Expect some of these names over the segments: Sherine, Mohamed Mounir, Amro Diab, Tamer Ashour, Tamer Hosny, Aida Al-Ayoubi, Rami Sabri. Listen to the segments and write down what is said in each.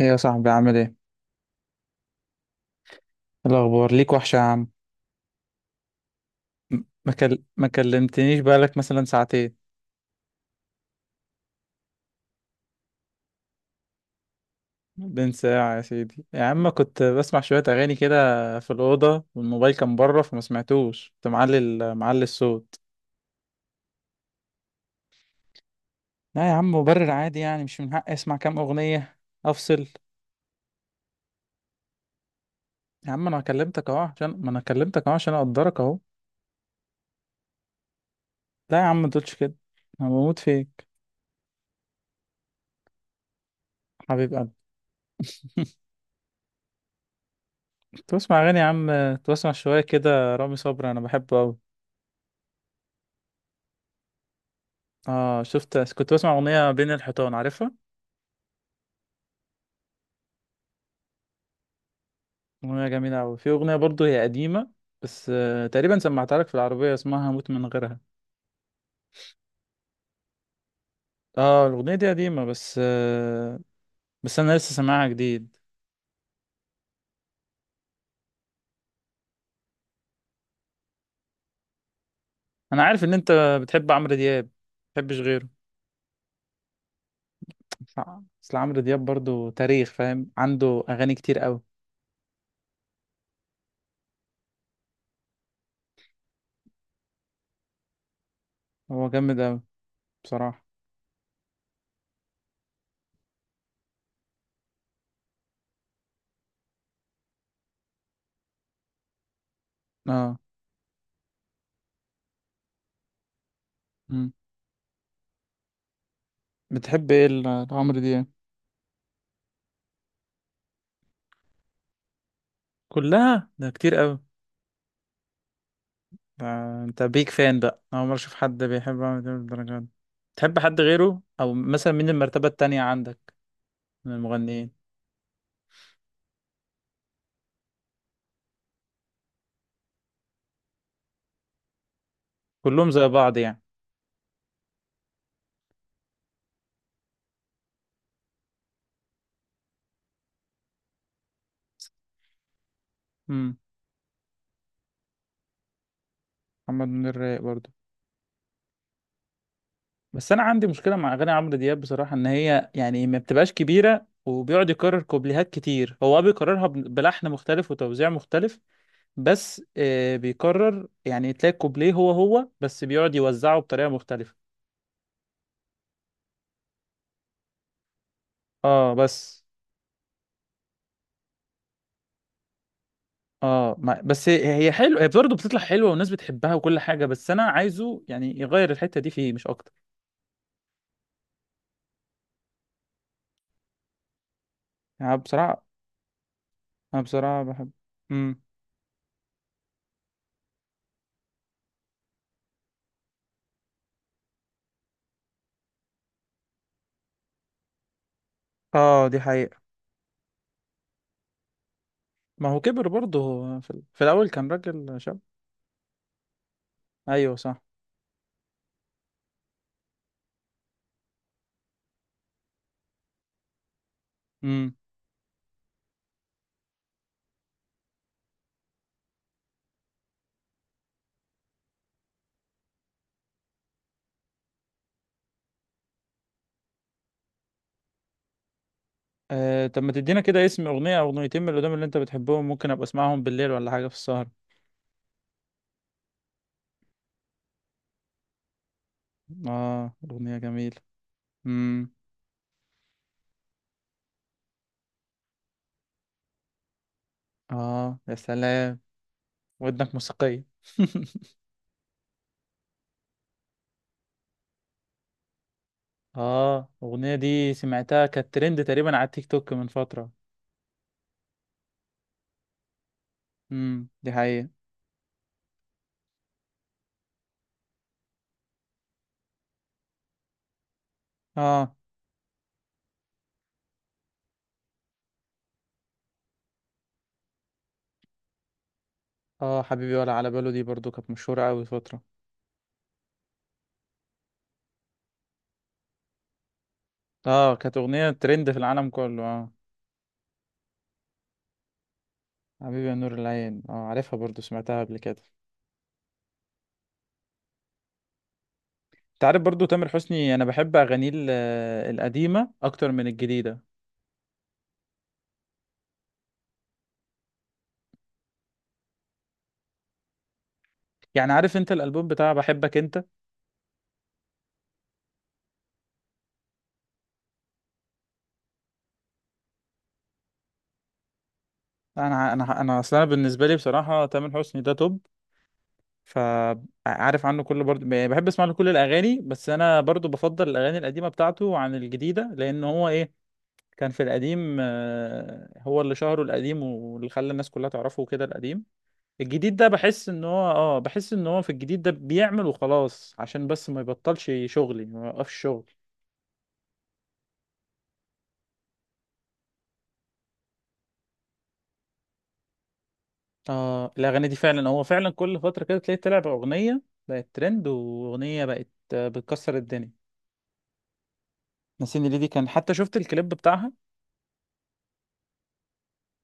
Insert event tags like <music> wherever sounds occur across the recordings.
ايه يا صاحبي، عامل ايه؟ إيه الاخبار؟ ليك وحشه يا عم. ما كلمتنيش بقالك مثلا ساعتين. بين ساعه يا سيدي يا عم، كنت بسمع شويه اغاني كده في الاوضه، والموبايل كان بره فما سمعتوش، كنت معلي معلي الصوت. لا يا عم، مبرر عادي، يعني مش من حقي اسمع كام اغنيه افصل؟ يا عم انا كلمتك اهو عشان، ما انا كلمتك اهو عشان اقدرك اهو. لا يا عم ما تقولش كده، انا بموت فيك، حبيب قلبي. تسمع اغاني يا عم، تسمع شويه كده رامي صبري، انا بحبه قوي. اه شفت، كنت بسمع اغنيه بين الحيطان، عارفها؟ اغنيه جميله قوي. في اغنيه برضو هي قديمه بس آه، تقريبا سمعتها لك في العربيه، اسمها هموت من غيرها. اه الاغنيه دي قديمه بس آه. بس انا لسه سامعها جديد. انا عارف ان انت بتحب عمرو دياب، ما بتحبش غيره. بس بس عمرو دياب برضو تاريخ، فاهم؟ عنده اغاني كتير قوي. هو جامد قوي بصراحه. اه. مم. بتحب ايه لعمرو دياب؟ كلها؟ ده كتير قوي ده. انت بيك فان بقى، اول مره اشوف حد بيحب عمرو دياب للدرجه دي. تحب حد غيره؟ او مثلا مين المرتبه التانية عندك من المغنيين؟ كلهم زي بعض يعني. امم. محمد منير رايق برضه. بس انا عندي مشكله مع اغاني عمرو دياب بصراحه، ان هي يعني ما بتبقاش كبيره، وبيقعد يكرر كوبليهات كتير. هو آه بيكررها بلحن مختلف وتوزيع مختلف، بس آه بيكرر، يعني تلاقي كوبليه هو هو، بس بيقعد يوزعه بطريقه مختلفه. اه بس. اه ما بس هي حلوه، هي برضه بتطلع حلوه والناس بتحبها وكل حاجه، بس انا عايزه يعني يغير الحته دي فيه مش اكتر. يعني بصراحه. انا بصراحه بحب. امم. اه دي حقيقه. ما هو كبر برضه، هو في، في الاول كان راجل شاب. ايوه صح. امم. آه طب ما تدينا كده اسم اغنيه او اغنيتين من اللي قدام اللي انت بتحبهم، ممكن ابقى اسمعهم بالليل ولا حاجه في السهره. اه اغنيه جميله. امم. اه يا سلام، ودنك موسيقيه. <laughs> اه الاغنيه دي سمعتها، كانت ترند تقريبا على التيك توك من فتره. دي حقيقة. اه. اه حبيبي ولا على باله دي برضو كانت مشهورة أوي فترة. اه كانت أغنية ترند في العالم كله اه. حبيبي يا نور العين، اه عارفها برضو، سمعتها قبل كده. انت عارف برضو تامر حسني، انا بحب اغانيه القديمة اكتر من الجديدة. يعني عارف انت الالبوم بتاع بحبك انت؟ انا اصلا بالنسبة لي بصراحة تامر حسني ده توب، فعارف عنه كله، برضو بحب اسمع له كل الاغاني، بس انا برضو بفضل الاغاني القديمة بتاعته عن الجديدة، لان هو ايه، كان في القديم آه، هو اللي شهره، القديم واللي خلى الناس كلها تعرفه كده القديم. الجديد ده بحس ان هو اه، بحس ان هو في الجديد ده بيعمل وخلاص عشان بس ما يبطلش شغلي، ما يوقفش شغل. اه الاغاني دي فعلا، هو فعلا كل فترة كده تلاقي طلع باغنية بقت ترند، واغنية بقت آه، بتكسر الدنيا. ناسيني ليه دي كان حتى شفت الكليب بتاعها.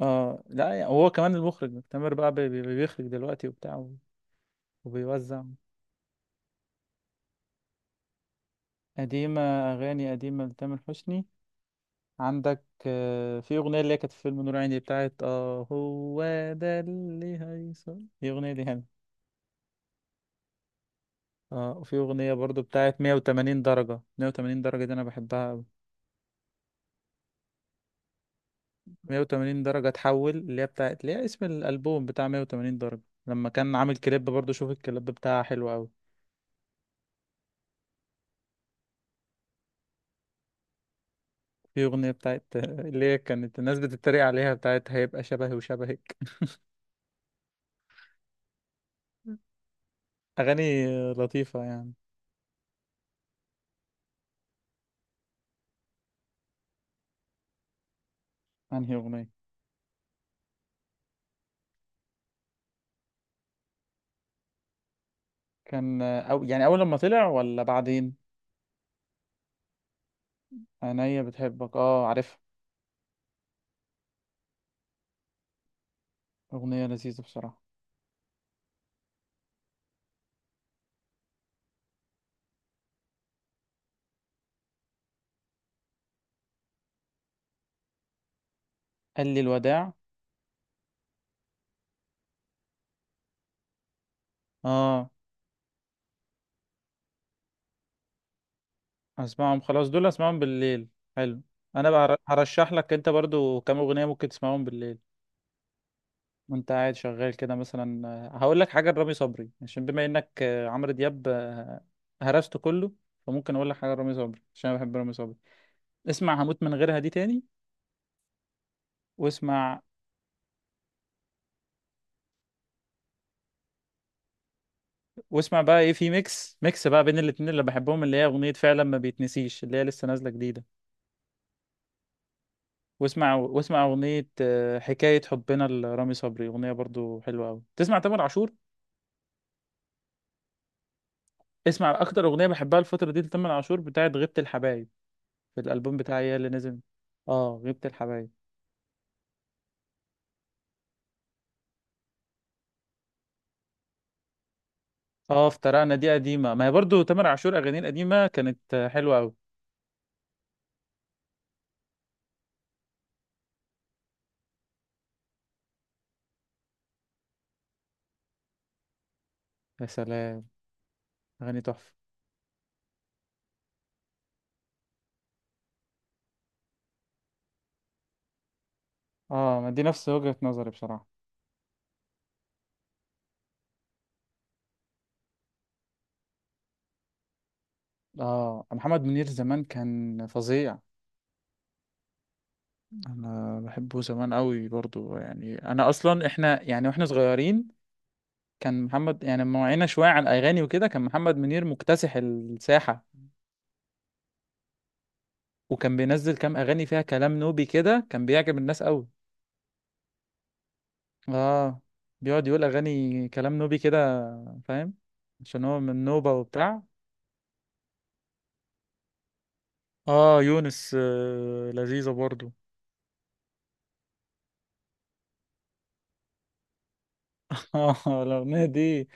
اه لا يعني هو كمان المخرج، تامر بقى بيخرج دلوقتي وبتاع، وبيوزع. قديمة، أغاني قديمة لتامر حسني، عندك آه، في أغنية اللي هي كانت في فيلم نور عيني بتاعت اه هو، ده اللي هيصل، دي أغنية دي حلوة. اه وفي أغنية برضو بتاعت 180 درجة، 180 درجة دي أنا بحبها أوي. 180 درجة تحول، اللي هي بتاعت، اللي هي اسم الألبوم بتاع 180 درجة. لما كان عامل كليب برضو، شوف الكليب بتاعها حلو أوي. في أغنية بتاعت <laughs> اللي هي كانت الناس بتتريق عليها، بتاعت هيبقى شبهي وشبهك. <laughs> أغاني لطيفة يعني. أنهي أغنية؟ كان أو يعني أول لما طلع ولا بعدين؟ عينيا بتحبك، اه عارفها، أغنية لذيذة بصراحة. قال لي الوداع، اه. هسمعهم خلاص، دول هسمعهم بالليل. حلو. انا بقى هرشح لك انت برضو كام أغنية ممكن تسمعهم بالليل وانت قاعد شغال كده مثلا. آه، هقول لك حاجة لرامي صبري عشان بما انك آه، عمرو دياب آه، هرسته كله، فممكن اقول لك حاجة لرامي صبري عشان انا بحب رامي صبري. اسمع هموت من غيرها دي تاني، واسمع، واسمع بقى ايه، في ميكس، ميكس بقى بين الاتنين اللي بحبهم اللي هي أغنية فعلا ما بيتنسيش، اللي هي لسه نازلة جديدة. واسمع، واسمع أغنية آه، حكاية حبنا لرامي صبري، أغنية برضو حلوة أوي. تسمع تامر عاشور، اسمع أكتر أغنية بحبها الفترة دي لتامر عاشور بتاعت غيبة الحبايب، في الألبوم بتاعي يا اللي نزل. اه غيبة الحبايب. اه افترقنا دي قديمة، ما هي برضو تامر عاشور أغانيه القديمة كانت آه، حلوة أوي. يا سلام، أغاني تحفة. اه ما دي نفس وجهة نظري بصراحة. اه محمد منير زمان كان فظيع. انا بحبه زمان قوي برضو، يعني انا اصلا احنا يعني واحنا صغيرين كان محمد، يعني لما وعينا شوية على الأغاني وكده كان محمد منير مكتسح الساحة. وكان بينزل كام أغاني فيها كلام نوبي كده، كان بيعجب الناس قوي. اه بيقعد يقول أغاني كلام نوبي كده، فاهم، عشان هو من نوبة وبتاع. اه يونس آه لذيذة برضو. <laughs> اه الأغنية دي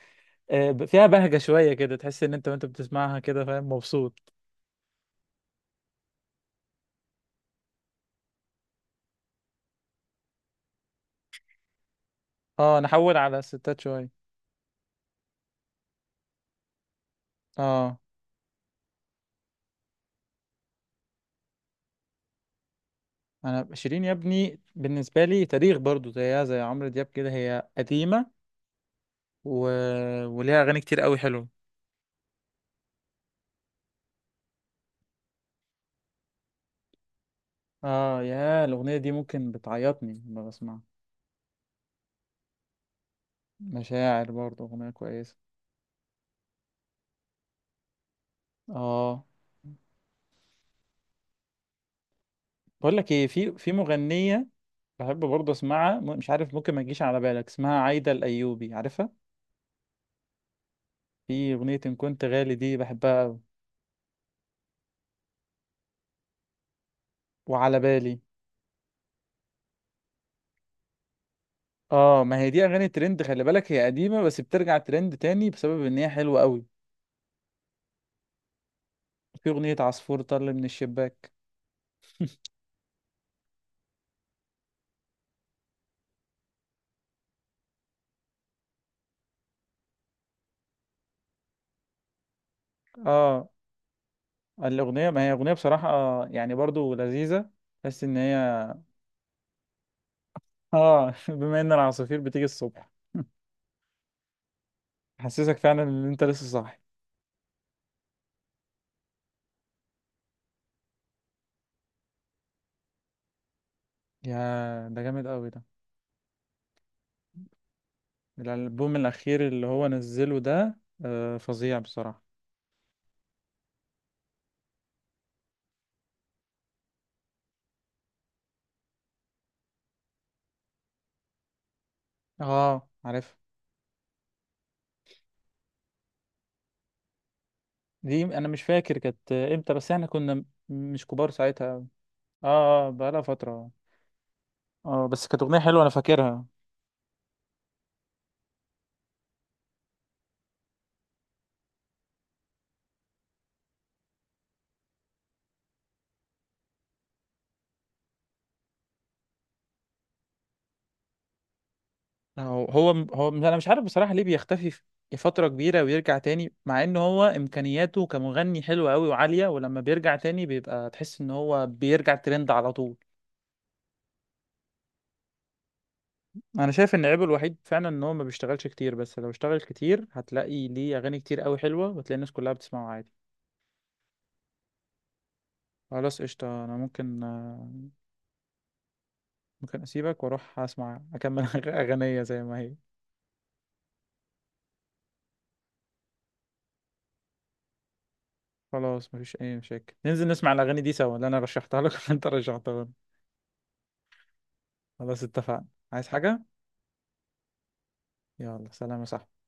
آه فيها بهجة شوية كده، تحس إن أنت وأنت بتسمعها كده فاهم مبسوط. اه نحول على الستات شوية. اه. انا شيرين يا ابني بالنسبه لي تاريخ برضو، زيها زي عمرو دياب كده، هي قديمه و... وليها اغاني كتير قوي حلوه. اه يا، الاغنيه دي ممكن بتعيطني لما بسمعها. مشاعر برضو اغنيه كويسه. اه بقول لك ايه، في مغنيه بحب برضو اسمعها، مش عارف ممكن ما تجيش على بالك، اسمها عايده الايوبي، عارفها؟ في اغنيه ان كنت غالي دي بحبها قوي، وعلى بالي. اه ما هي دي اغاني ترند، خلي بالك هي قديمه بس بترجع ترند تاني بسبب ان هي حلوه قوي. في أغنية عصفور طل من الشباك. اه الأغنية ما هي أغنية بصراحة آه، يعني برضو لذيذة بس إن هي اه. <laughs> بما إن العصافير بتيجي الصبح <laughs> حسسك فعلا إن أنت لسه صاحي. يا ده جامد أوي ده. الألبوم الأخير اللي هو نزله ده آه فظيع بصراحة. اه عارف. دي أنا مش فاكر كانت إمتى، بس إحنا كنا مش كبار ساعتها. اه. آه، بقالها فترة. اه بس كانت أغنية حلوة أنا فاكرها. هو انا مش عارف بصراحة ليه بيختفي في فترة كبيرة ويرجع تاني، مع ان هو امكانياته كمغني حلوة قوي وعالية، ولما بيرجع تاني بيبقى، تحس ان هو بيرجع ترند على طول. انا شايف ان عيبه الوحيد فعلا ان هو ما بيشتغلش كتير، بس لو اشتغل كتير هتلاقي ليه اغاني كتير قوي حلوة، وتلاقي الناس كلها بتسمعه عادي. خلاص قشطة، انا ممكن آه، ممكن اسيبك واروح اسمع اكمل <laughs> اغنية زي ما هي. خلاص مفيش اي مشاكل، ننزل نسمع الاغاني دي سوا، اللي انا رشحتها لك <laughs> وانت رشحتها لي. خلاص اتفقنا. عايز حاجة؟ يلا سلام يا صاحبي.